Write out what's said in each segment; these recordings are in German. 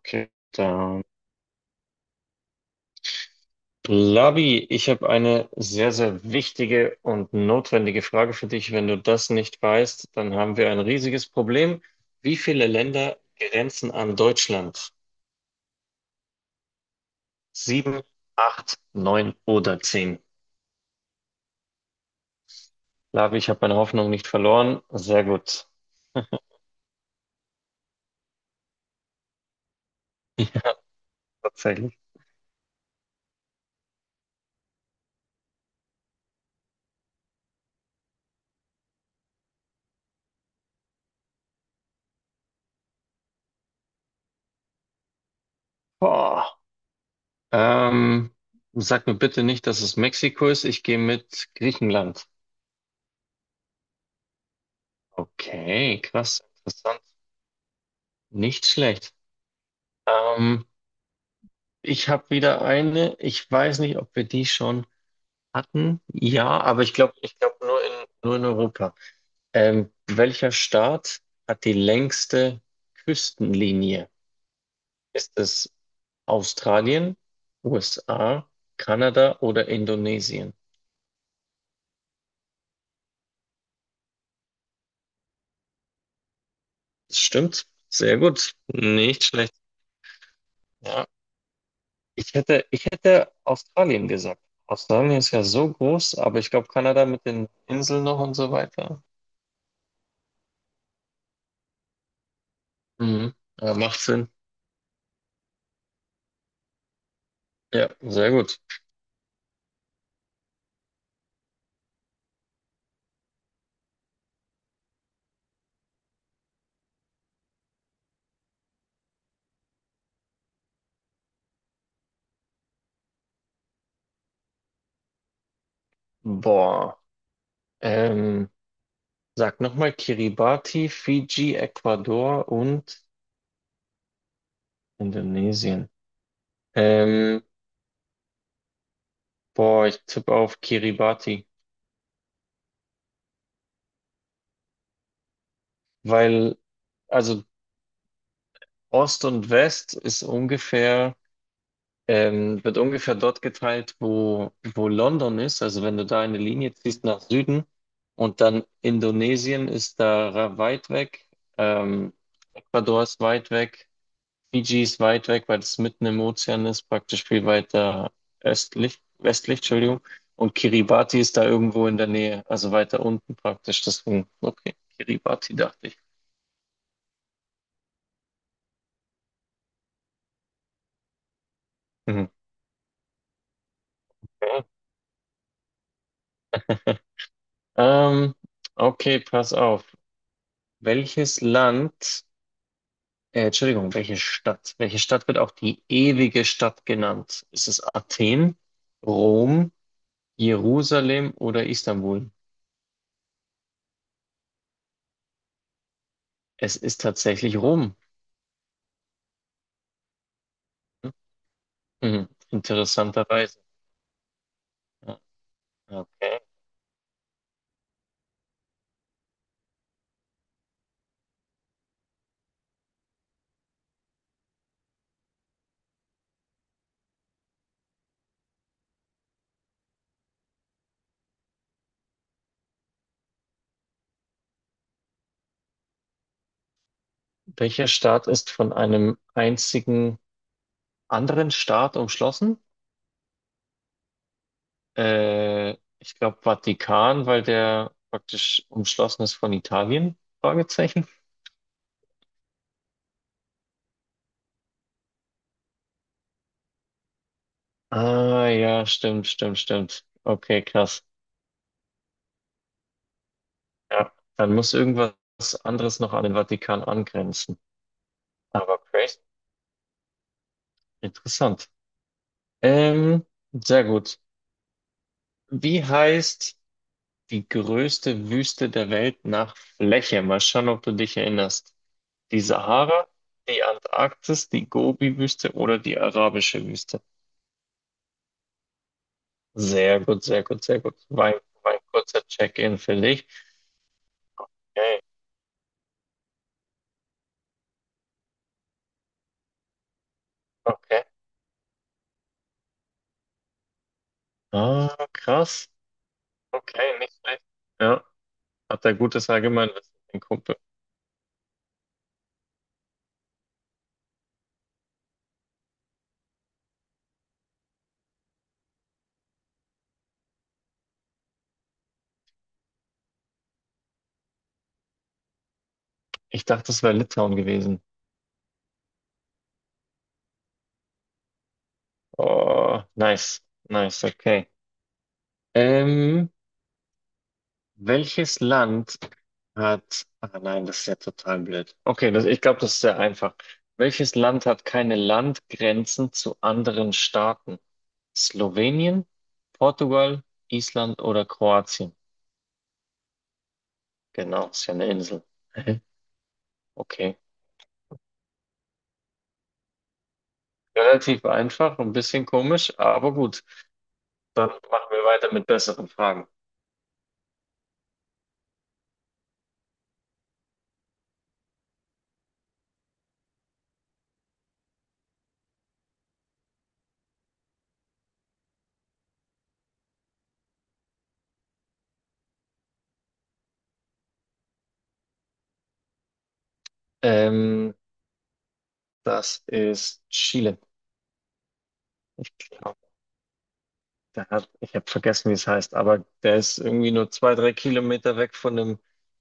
Okay, dann. Labi, ich habe eine sehr, sehr wichtige und notwendige Frage für dich. Wenn du das nicht weißt, dann haben wir ein riesiges Problem. Wie viele Länder grenzen an Deutschland? Sieben, acht, neun oder zehn? Labi, ich habe meine Hoffnung nicht verloren. Sehr gut. Tatsächlich. Boah. Ähm, Sag mir bitte nicht, dass es Mexiko ist. Ich gehe mit Griechenland. Okay, krass, interessant. Nicht schlecht. Ähm, Ich habe wieder eine. Ich weiß nicht, ob wir die schon hatten. Ja, aber ich glaube, nur in Europa. Welcher Staat hat die längste Küstenlinie? Ist es Australien, USA, Kanada oder Indonesien? Das stimmt. Sehr gut. Nicht schlecht. Ja. Ich hätte Australien gesagt. Australien ist ja so groß, aber ich glaube, Kanada mit den Inseln noch und so weiter. Mhm. Ja, macht Sinn. Ja, sehr gut. Boah. Ähm, Sag nochmal Kiribati, Fiji, Ecuador und Indonesien. Ähm, Boah, ich tippe auf Kiribati, weil, also, Ost und West ist wird ungefähr dort geteilt, wo, London ist. Also wenn du da eine Linie ziehst nach Süden und dann Indonesien ist da weit weg, ähm, Ecuador ist weit weg. Fiji ist weit weg, weil es mitten im Ozean ist, praktisch viel weiter östlich, westlich, Entschuldigung. Und Kiribati ist da irgendwo in der Nähe, also weiter unten praktisch. Deswegen, okay, Kiribati dachte ich. Mhm. Ähm, okay, pass auf. Welches Land, Entschuldigung, welche Stadt? Welche Stadt wird auch die ewige Stadt genannt? Ist es Athen, Rom, Jerusalem oder Istanbul? Es ist tatsächlich Rom. Mhm. Interessanterweise. Okay. Welcher Staat ist von einem einzigen anderen Staat umschlossen? Äh, ich glaube Vatikan, weil der praktisch umschlossen ist von Italien? Fragezeichen. Ah, ja, stimmt, stimmt. Okay, krass. Ja, dann muss irgendwas anderes noch an den Vatikan angrenzen. Aber crazy. Interessant. Ähm, sehr gut. Wie heißt die größte Wüste der Welt nach Fläche? Mal schauen, ob du dich erinnerst. Die Sahara, die Antarktis, die Gobi-Wüste oder die arabische Wüste. Sehr gut, sehr gut, sehr gut. War ein kurzer Check-in für dich. Okay, okay. Ah, krass. Okay, nicht schlecht. Ja, hat er gutes Allgemeinwissen, mein Kumpel. Ich dachte, das wäre Litauen gewesen. Oh, nice, nice, okay. Ähm, welches Land hat. Ah nein, das ist ja total blöd. Okay, ich glaube, das ist sehr einfach. Welches Land hat keine Landgrenzen zu anderen Staaten? Slowenien, Portugal, Island oder Kroatien? Genau, ist ja eine Insel. Okay. Relativ einfach, ein bisschen komisch, aber gut. Dann machen wir weiter mit besseren Fragen. Ähm, das ist Chile. Ich glaube. Der hat, ich habe vergessen, wie es heißt, aber der ist irgendwie nur zwei, drei Kilometer weg von dem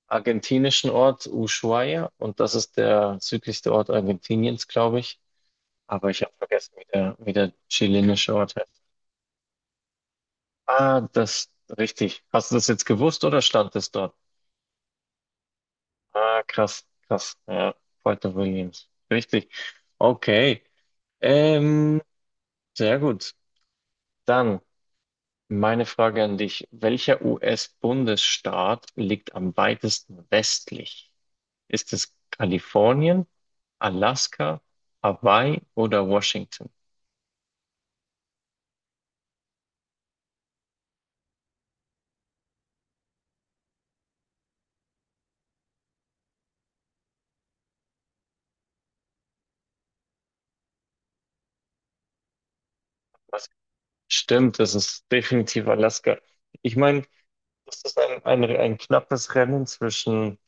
argentinischen Ort Ushuaia und das ist der südlichste Ort Argentiniens, glaube ich. Aber ich habe vergessen, wie der chilenische Ort heißt. Ah, das, richtig. Hast du das jetzt gewusst oder stand es dort? Ah, krass, krass. Ja, Puerto Williams. Richtig. Okay. Ähm, sehr gut. Dann. Meine Frage an dich, welcher US-Bundesstaat liegt am weitesten westlich? Ist es Kalifornien, Alaska, Hawaii oder Washington? Was? Stimmt, das ist definitiv Alaska. Ich meine, das ist ein knappes Rennen zwischen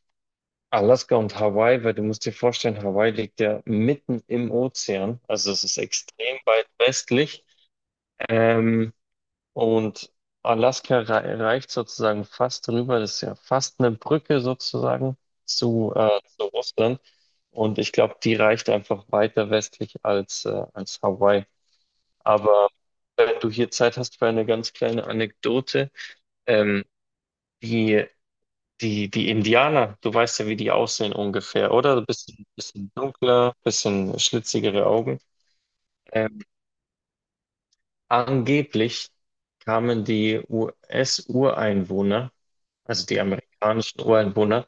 Alaska und Hawaii, weil du musst dir vorstellen, Hawaii liegt ja mitten im Ozean, also es ist extrem weit westlich. Ähm, Und Alaska reicht sozusagen fast drüber. Das ist ja fast eine Brücke sozusagen zu Russland. Und ich glaube, die reicht einfach weiter westlich als, als Hawaii. Aber wenn du hier Zeit hast für eine ganz kleine Anekdote, ähm, die, die Indianer, du weißt ja, wie die aussehen ungefähr, oder? Ein bisschen, bisschen dunkler, bisschen schlitzigere Augen. Ähm, Angeblich kamen die US-Ureinwohner, also die amerikanischen Ureinwohner,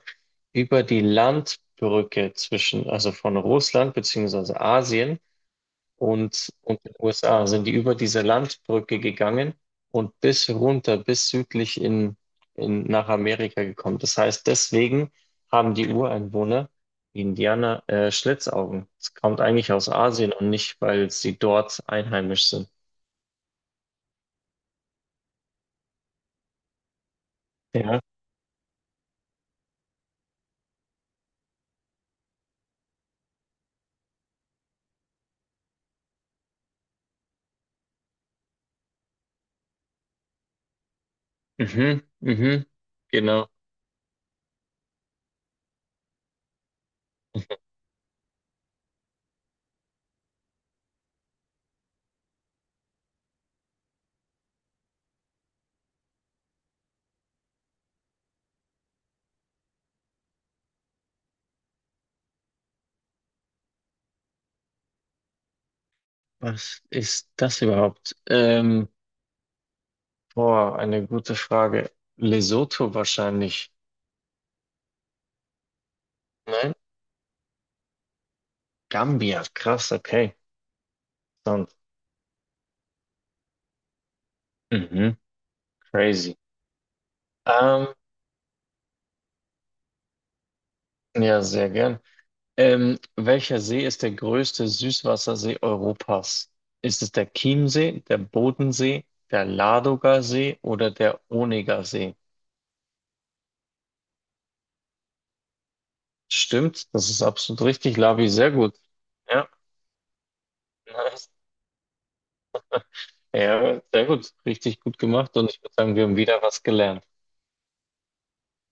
über die Landbrücke zwischen, also von Russland beziehungsweise Asien und den USA, sind die über diese Landbrücke gegangen und bis runter, bis südlich nach Amerika gekommen. Das heißt, deswegen haben die Ureinwohner, die Indianer, Schlitzaugen. Es kommt eigentlich aus Asien und nicht, weil sie dort einheimisch sind. Ja. Mhm, mhm, genau. Was ist das überhaupt? Boah, eine gute Frage. Lesotho wahrscheinlich. Nein? Gambia, krass, okay. Sonst. Mhm, crazy. Ähm, ja, sehr gern. Welcher See ist der größte Süßwassersee Europas? Ist es der Chiemsee, der Bodensee, der Ladogasee oder der Onegasee? Stimmt, das ist absolut richtig, Lavi, sehr gut. Ja, nice. Ja, sehr gut, richtig gut gemacht und ich würde sagen, wir haben wieder was gelernt.